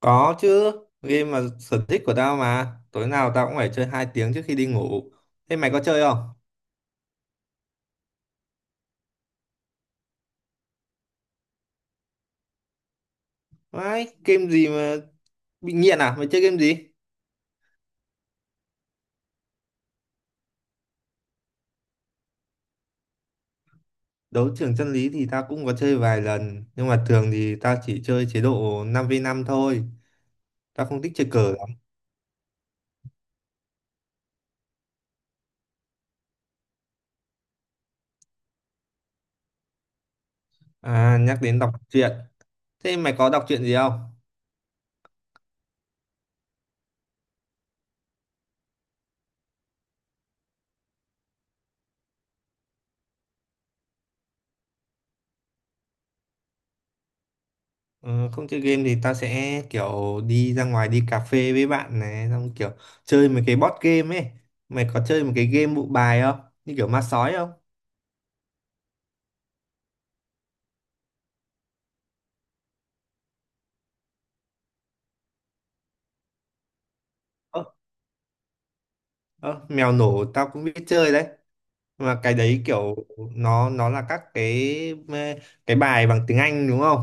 Có chứ, game mà sở thích của tao mà. Tối nào tao cũng phải chơi 2 tiếng trước khi đi ngủ. Thế mày có chơi không? Vãi, game gì mà bị nghiện à? Mày chơi game gì? Đấu trường chân lý thì tao cũng có chơi vài lần, nhưng mà thường thì tao chỉ chơi chế độ 5v5 thôi. Tao không thích chơi cờ lắm. À, nhắc đến đọc truyện. Thế mày có đọc truyện gì không? Ờ, không chơi game thì tao sẽ kiểu đi ra ngoài đi cà phê với bạn này, xong kiểu chơi mấy cái board game ấy. Mày có chơi một cái game bộ bài không? Như kiểu ma sói không? Ơ, ơ, mèo nổ tao cũng biết chơi đấy, mà cái đấy kiểu nó là các cái bài bằng tiếng Anh, đúng không?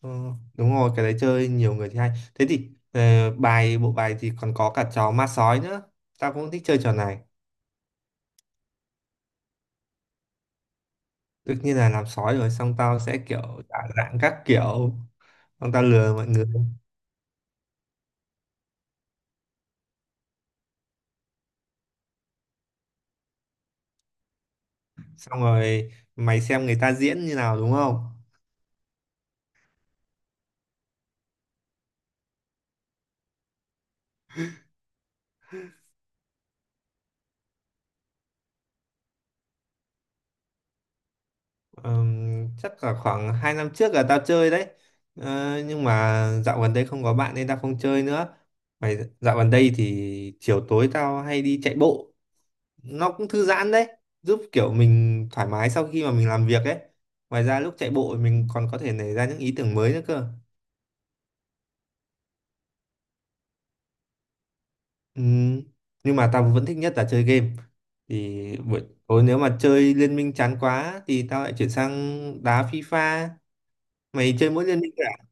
Ờ, đúng rồi, cái đấy chơi nhiều người thì hay. Thế thì bài bộ bài thì còn có cả trò ma sói nữa. Tao cũng thích chơi trò này. Tất nhiên là làm sói rồi, xong tao sẽ kiểu giả dạng các kiểu, xong tao lừa mọi người. Xong rồi mày xem người ta diễn như nào, đúng không? Chắc là khoảng 2 năm trước là tao chơi đấy. Nhưng mà dạo gần đây không có bạn nên tao không chơi nữa. Mày dạo gần đây thì chiều tối tao hay đi chạy bộ, nó cũng thư giãn đấy, giúp kiểu mình thoải mái sau khi mà mình làm việc ấy. Ngoài ra lúc chạy bộ mình còn có thể nảy ra những ý tưởng mới nữa cơ. Ừm, nhưng mà tao vẫn thích nhất là chơi game. Thì buổi tối nếu mà chơi liên minh chán quá thì tao lại chuyển sang đá FIFA. Mày chơi mỗi liên minh à?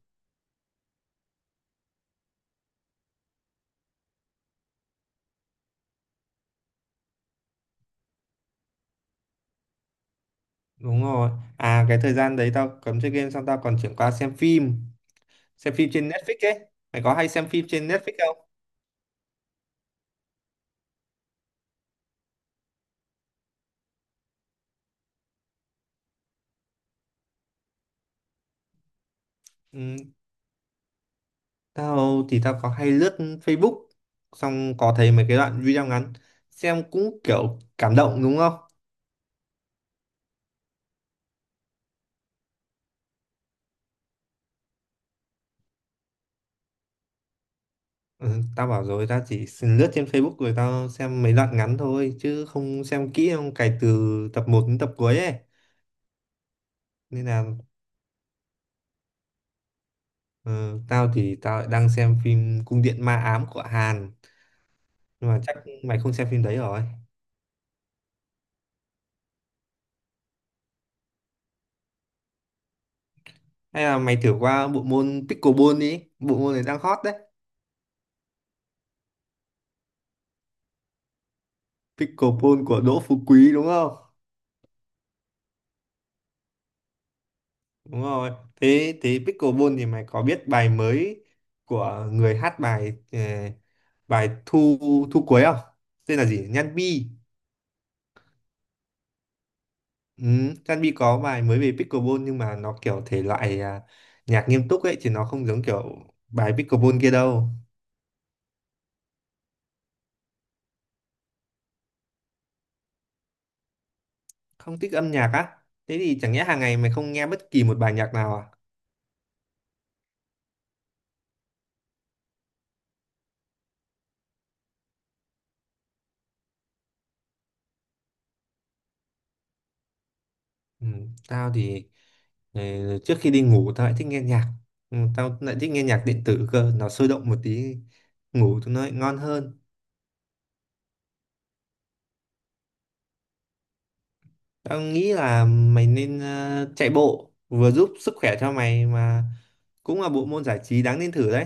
Đúng rồi. À, cái thời gian đấy tao cấm chơi game xong tao còn chuyển qua xem phim. Xem phim trên Netflix ấy. Mày có hay xem phim trên Netflix không? Ừ. Tao thì tao có hay lướt Facebook, xong có thấy mấy cái đoạn video ngắn, xem cũng kiểu cảm động, đúng không? Ừ, tao bảo rồi, tao chỉ xin lướt trên Facebook rồi tao xem mấy đoạn ngắn thôi chứ không xem kỹ, không cày từ tập 1 đến tập cuối ấy. Nên là ờ, tao thì tao lại đang xem phim Cung điện ma ám của Hàn. Nhưng mà chắc mày không xem phim đấy rồi. Hay là mày thử qua bộ môn pickleball đi, bộ môn này đang hot đấy. Pickleball của Đỗ Phú Quý đúng không? Đúng rồi. Thế thế pickleball thì mày có biết bài mới của người hát bài bài thu thu cuối không? Tên là gì? Nhan Bi. Ừ, Nhan Bi có bài mới về pickleball nhưng mà nó kiểu thể loại à, nhạc nghiêm túc ấy chứ nó không giống kiểu bài pickleball kia đâu. Không thích âm nhạc á? Thế thì chẳng nhẽ hàng ngày mày không nghe bất kỳ một bài nhạc nào à? Ừ, tao thì ờ, trước khi đi ngủ tao lại thích nghe nhạc. Tao lại thích nghe nhạc điện tử cơ, nó sôi động một tí, ngủ cho nó lại ngon hơn. Tao nghĩ là mày nên chạy bộ, vừa giúp sức khỏe cho mày mà cũng là bộ môn giải trí đáng nên thử đấy.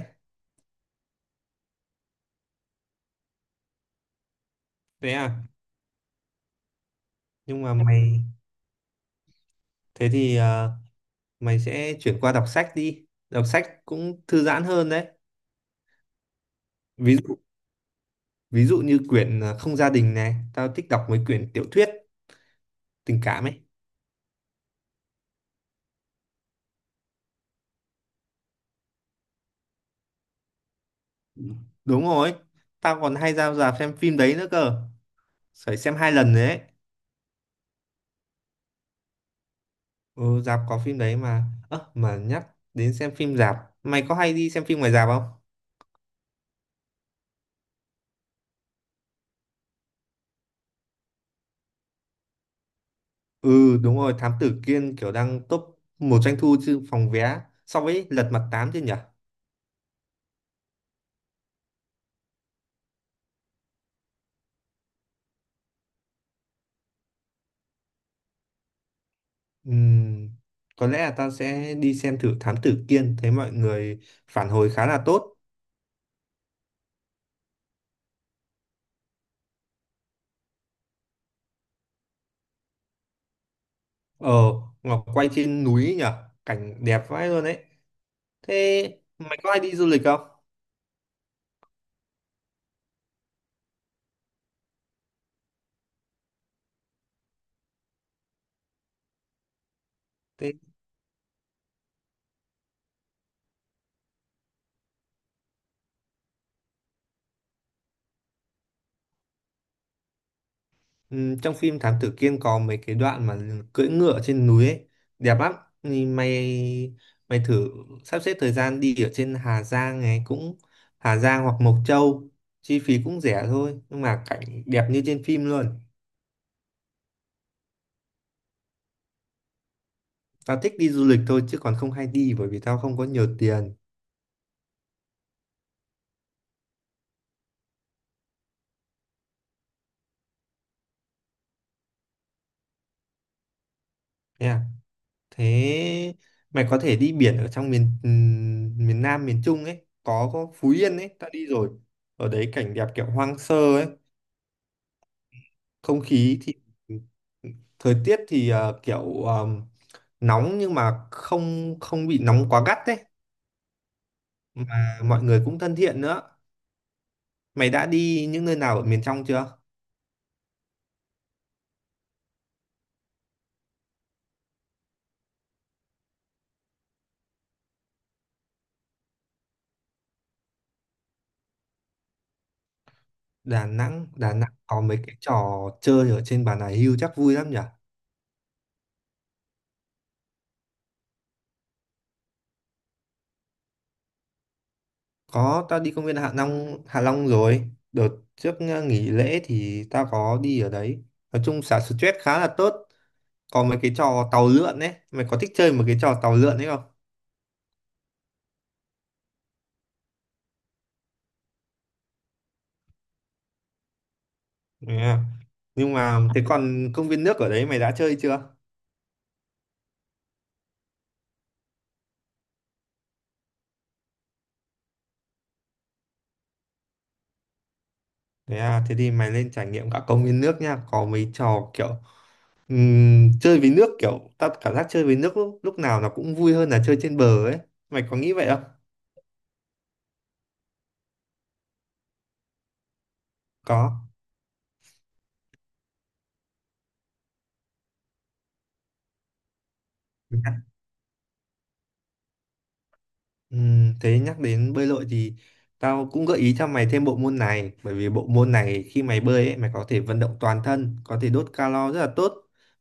Thế à? Nhưng mà thế thì mày sẽ chuyển qua đọc sách đi, đọc sách cũng thư giãn hơn đấy. Ví dụ ví dụ như quyển Không gia đình này, tao thích đọc mấy quyển tiểu thuyết tình cảm ấy. Đúng rồi, tao còn hay ra rạp xem phim đấy nữa cơ. Phải xem 2 lần đấy. Ừ, rạp có phim đấy mà. Ơ, mà nhắc đến xem phim rạp, mày có hay đi xem phim ngoài rạp không? Ừ, đúng rồi, Thám Tử Kiên kiểu đang top 1 doanh thu chứ phòng vé so với Lật Mặt 8 chứ nhỉ? Ừm, có lẽ là tao sẽ đi xem thử Thám Tử Kiên, thấy mọi người phản hồi khá là tốt. Ờ, Ngọc quay trên núi nhỉ? Cảnh đẹp vãi luôn đấy. Thế mày có hay đi du lịch không? Thế. Ừ, trong phim Thám Tử Kiên có mấy cái đoạn mà cưỡi ngựa trên núi ấy, đẹp lắm. Thì mày mày thử sắp xếp thời gian đi ở trên Hà Giang hoặc Mộc Châu, chi phí cũng rẻ thôi, nhưng mà cảnh đẹp như trên phim luôn. Tao thích đi du lịch thôi chứ còn không hay đi bởi vì tao không có nhiều tiền. Nha. Thế mày có thể đi biển ở trong miền miền Nam miền Trung ấy, có Phú Yên ấy, tao đi rồi. Ở đấy cảnh đẹp kiểu hoang sơ ấy. Không khí thì Thời tiết thì kiểu nóng nhưng mà không không bị nóng quá gắt đấy. Mà mọi người cũng thân thiện nữa. Mày đã đi những nơi nào ở miền trong chưa? Đà Nẵng có mấy cái trò chơi ở trên Bà Nà Hưu chắc vui lắm nhỉ. Có, tao đi công viên Hạ Long rồi. Đợt trước nghỉ lễ thì tao có đi ở đấy. Nói chung xả stress khá là tốt. Có mấy cái trò tàu lượn ấy, mày có thích chơi một cái trò tàu lượn ấy không? Yeah. Nhưng mà thế còn công viên nước ở đấy mày đã chơi chưa? Thế à? Thế thì mày nên trải nghiệm cả công viên nước nha. Có mấy trò kiểu chơi với nước, kiểu tao cảm giác chơi với nước lúc nào nó cũng vui hơn là chơi trên bờ ấy. Mày có nghĩ vậy không? Có. Thế nhắc đến bơi lội thì tao cũng gợi ý cho mày thêm bộ môn này, bởi vì bộ môn này khi mày bơi ấy, mày có thể vận động toàn thân, có thể đốt calo rất là tốt.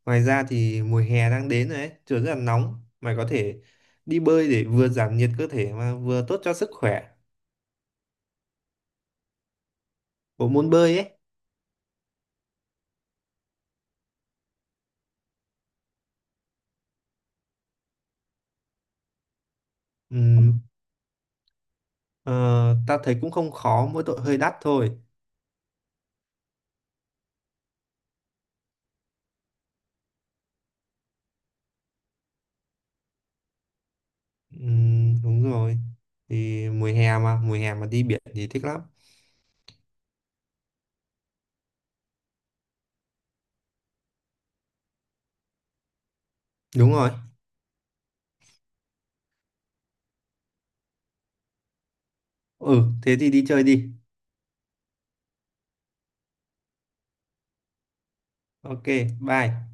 Ngoài ra thì mùa hè đang đến rồi ấy, trời rất là nóng, mày có thể đi bơi để vừa giảm nhiệt cơ thể mà vừa tốt cho sức khỏe. Bộ môn bơi ấy. ừm, ờ, Tao thấy cũng không khó, mỗi tội hơi đắt thôi. Đúng rồi, thì mùa hè mà đi biển thì thích lắm. Đúng rồi. Ừ, thế thì đi chơi đi. Ok, bye.